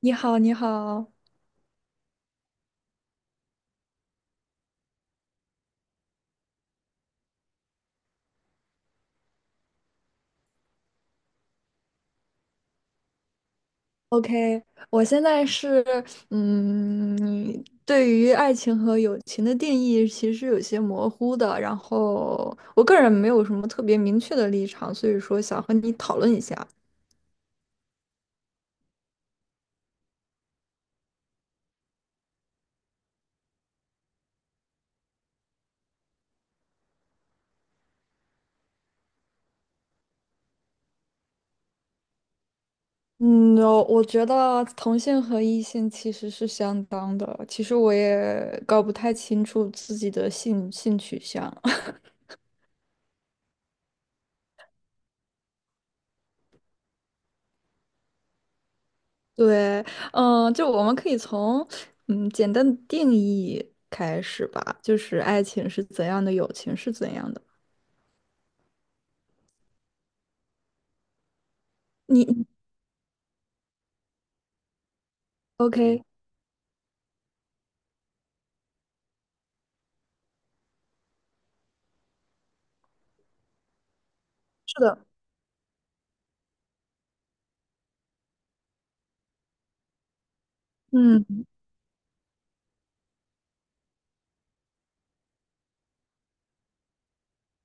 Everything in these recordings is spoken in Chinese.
你好，你好，OK，我现在是，对于爱情和友情的定义其实有些模糊的，然后我个人没有什么特别明确的立场，所以说想和你讨论一下。我觉得同性和异性其实是相当的，其实我也搞不太清楚自己的性取向。对，嗯，就我们可以从简单的定义开始吧，就是爱情是怎样的，友情是怎样的。你你 OK,是的，嗯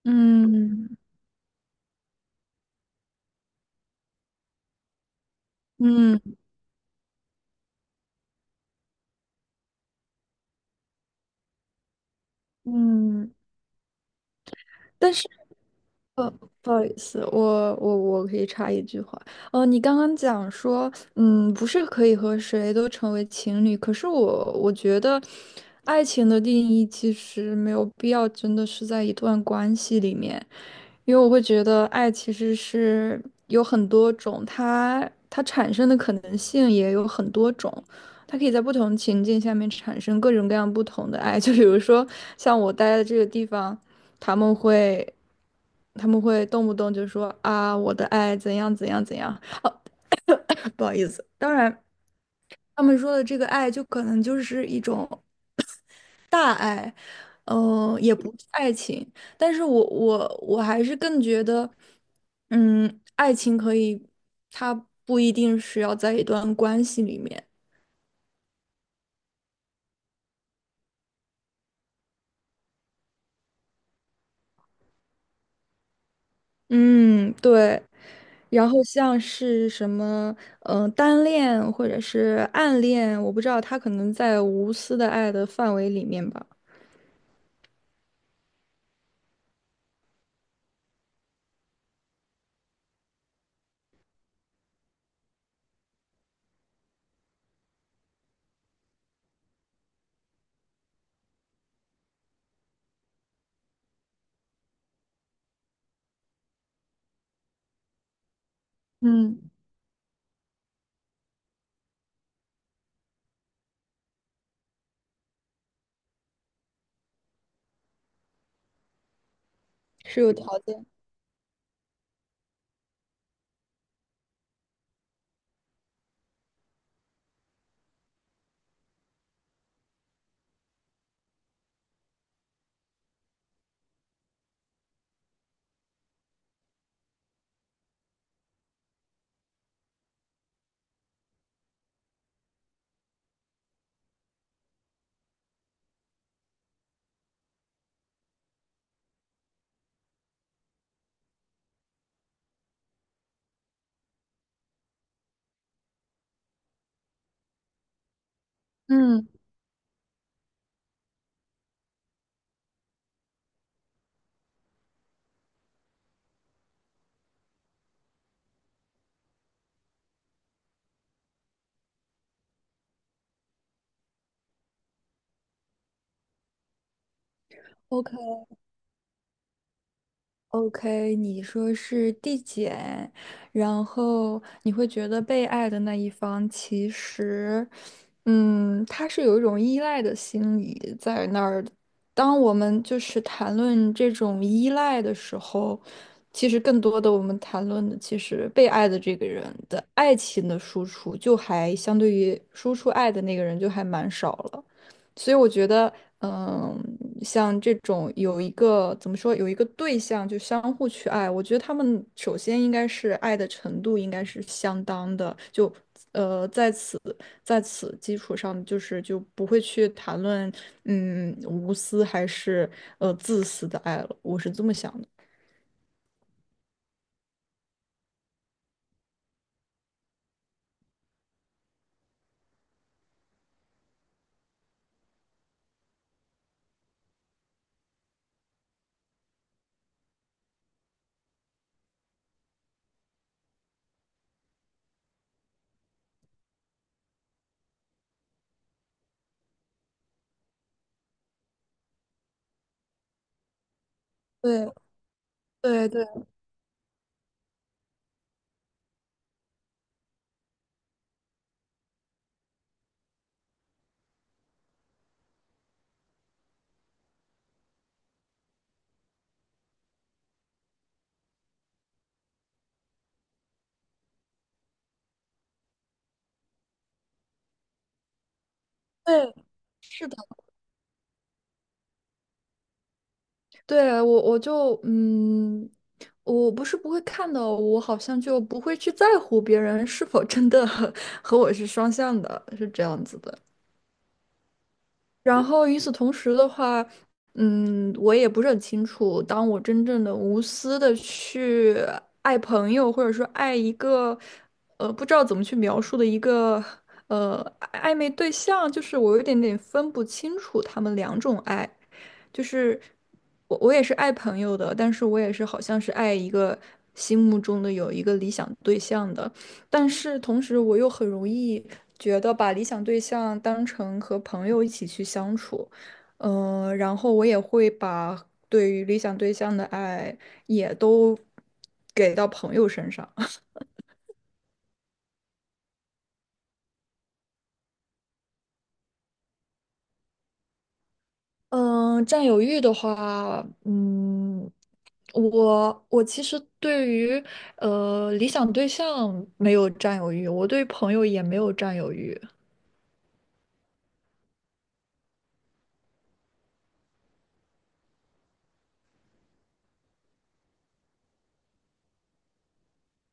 嗯嗯嗯，嗯但是。呃，不好意思，我可以插一句话。哦，你刚刚讲说，嗯，不是可以和谁都成为情侣，可是我觉得，爱情的定义其实没有必要真的是在一段关系里面，因为我会觉得爱其实是有很多种，它产生的可能性也有很多种。它可以在不同情境下面产生各种各样不同的爱，就比如说像我待的这个地方。他们会，他们会动不动就说啊，我的爱怎样怎样怎样，不好意思。当然，他们说的这个爱，就可能就是一种大爱，也不是爱情。但是我还是更觉得，嗯，爱情可以，它不一定是要在一段关系里面。嗯，对。然后像是什么，单恋或者是暗恋，我不知道，他可能在无私的爱的范围里面吧，嗯是有条件。嗯。OK。OK,你说是递减，然后你会觉得被爱的那一方其实，嗯，他是有一种依赖的心理在那儿的。当我们就是谈论这种依赖的时候，其实更多的我们谈论的其实被爱的这个人的爱情的输出，就还相对于输出爱的那个人就还蛮少了。所以我觉得，嗯，像这种有一个怎么说，有一个对象就相互去爱，我觉得他们首先应该是爱的程度应该是相当的，就在此基础上，就是就不会去谈论无私还是自私的爱了，我是这么想的。对对对对，是的。对，我我就嗯，我不是不会看的，我好像就不会去在乎别人是否真的 和我是双向的，是这样子的。然后与此同时的话，嗯，我也不是很清楚，当我真正的无私的去爱朋友，或者说爱一个，呃，不知道怎么去描述的一个，呃，暧昧对象，就是我有点点分不清楚他们两种爱，就是我也是爱朋友的，但是我也是好像是爱一个心目中的有一个理想对象的。但是同时，我又很容易觉得把理想对象当成和朋友一起去相处，然后我也会把对于理想对象的爱也都给到朋友身上。嗯，占有欲的话，嗯，我其实对于理想对象没有占有欲，我对朋友也没有占有欲。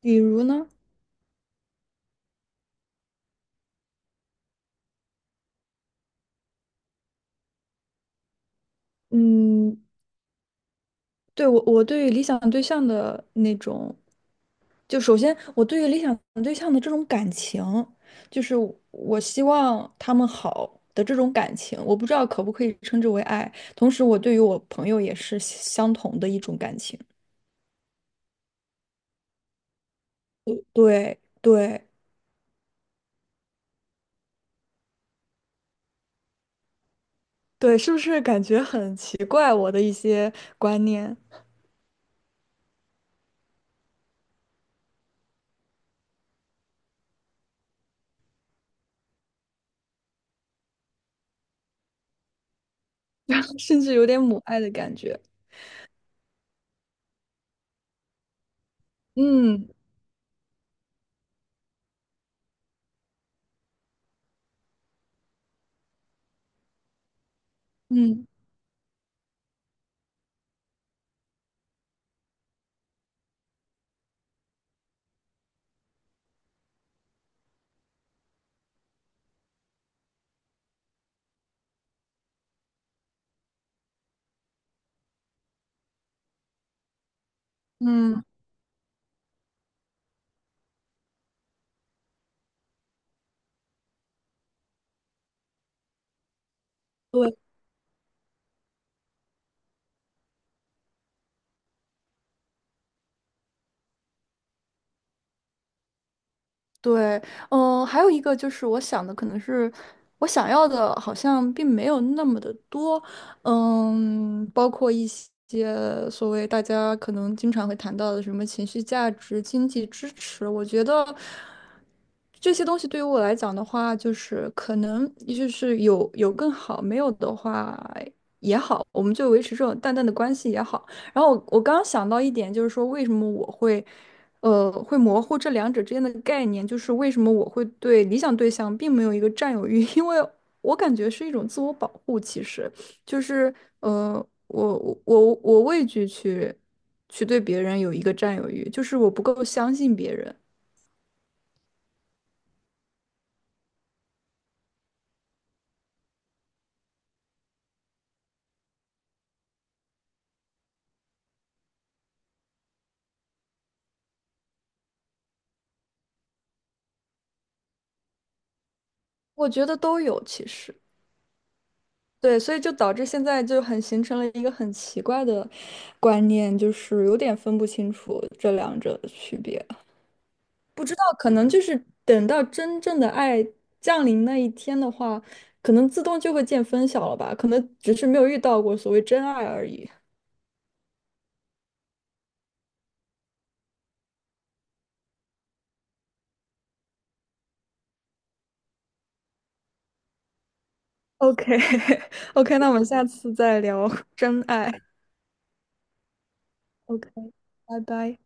比如呢？嗯。对，我，我对于理想对象的那种，就首先我对于理想对象的这种感情，就是我希望他们好的这种感情，我不知道可不可以称之为爱。同时，我对于我朋友也是相同的一种感情。对对对，是不是感觉很奇怪？我的一些观念。然后甚至有点母爱的感觉。嗯嗯嗯，对。对，还有一个就是我想要的，好像并没有那么的多，嗯，包括一些所谓大家可能经常会谈到的什么情绪价值、经济支持，我觉得这些东西对于我来讲的话，就是可能也就是有更好，没有的话也好，我们就维持这种淡淡的关系也好。然后我刚刚想到一点，就是说为什么我会。会模糊这两者之间的概念，就是为什么我会对理想对象并没有一个占有欲，因为我感觉是一种自我保护。其实，就是呃，我畏惧去对别人有一个占有欲，就是我不够相信别人。我觉得都有，其实对，所以就导致现在就形成了一个很奇怪的观念，就是有点分不清楚这两者的区别。不知道，可能就是等到真正的爱降临那一天的话，可能自动就会见分晓了吧？可能只是没有遇到过所谓真爱而已。OK，OK，那我们下次再聊真爱。OK,拜拜。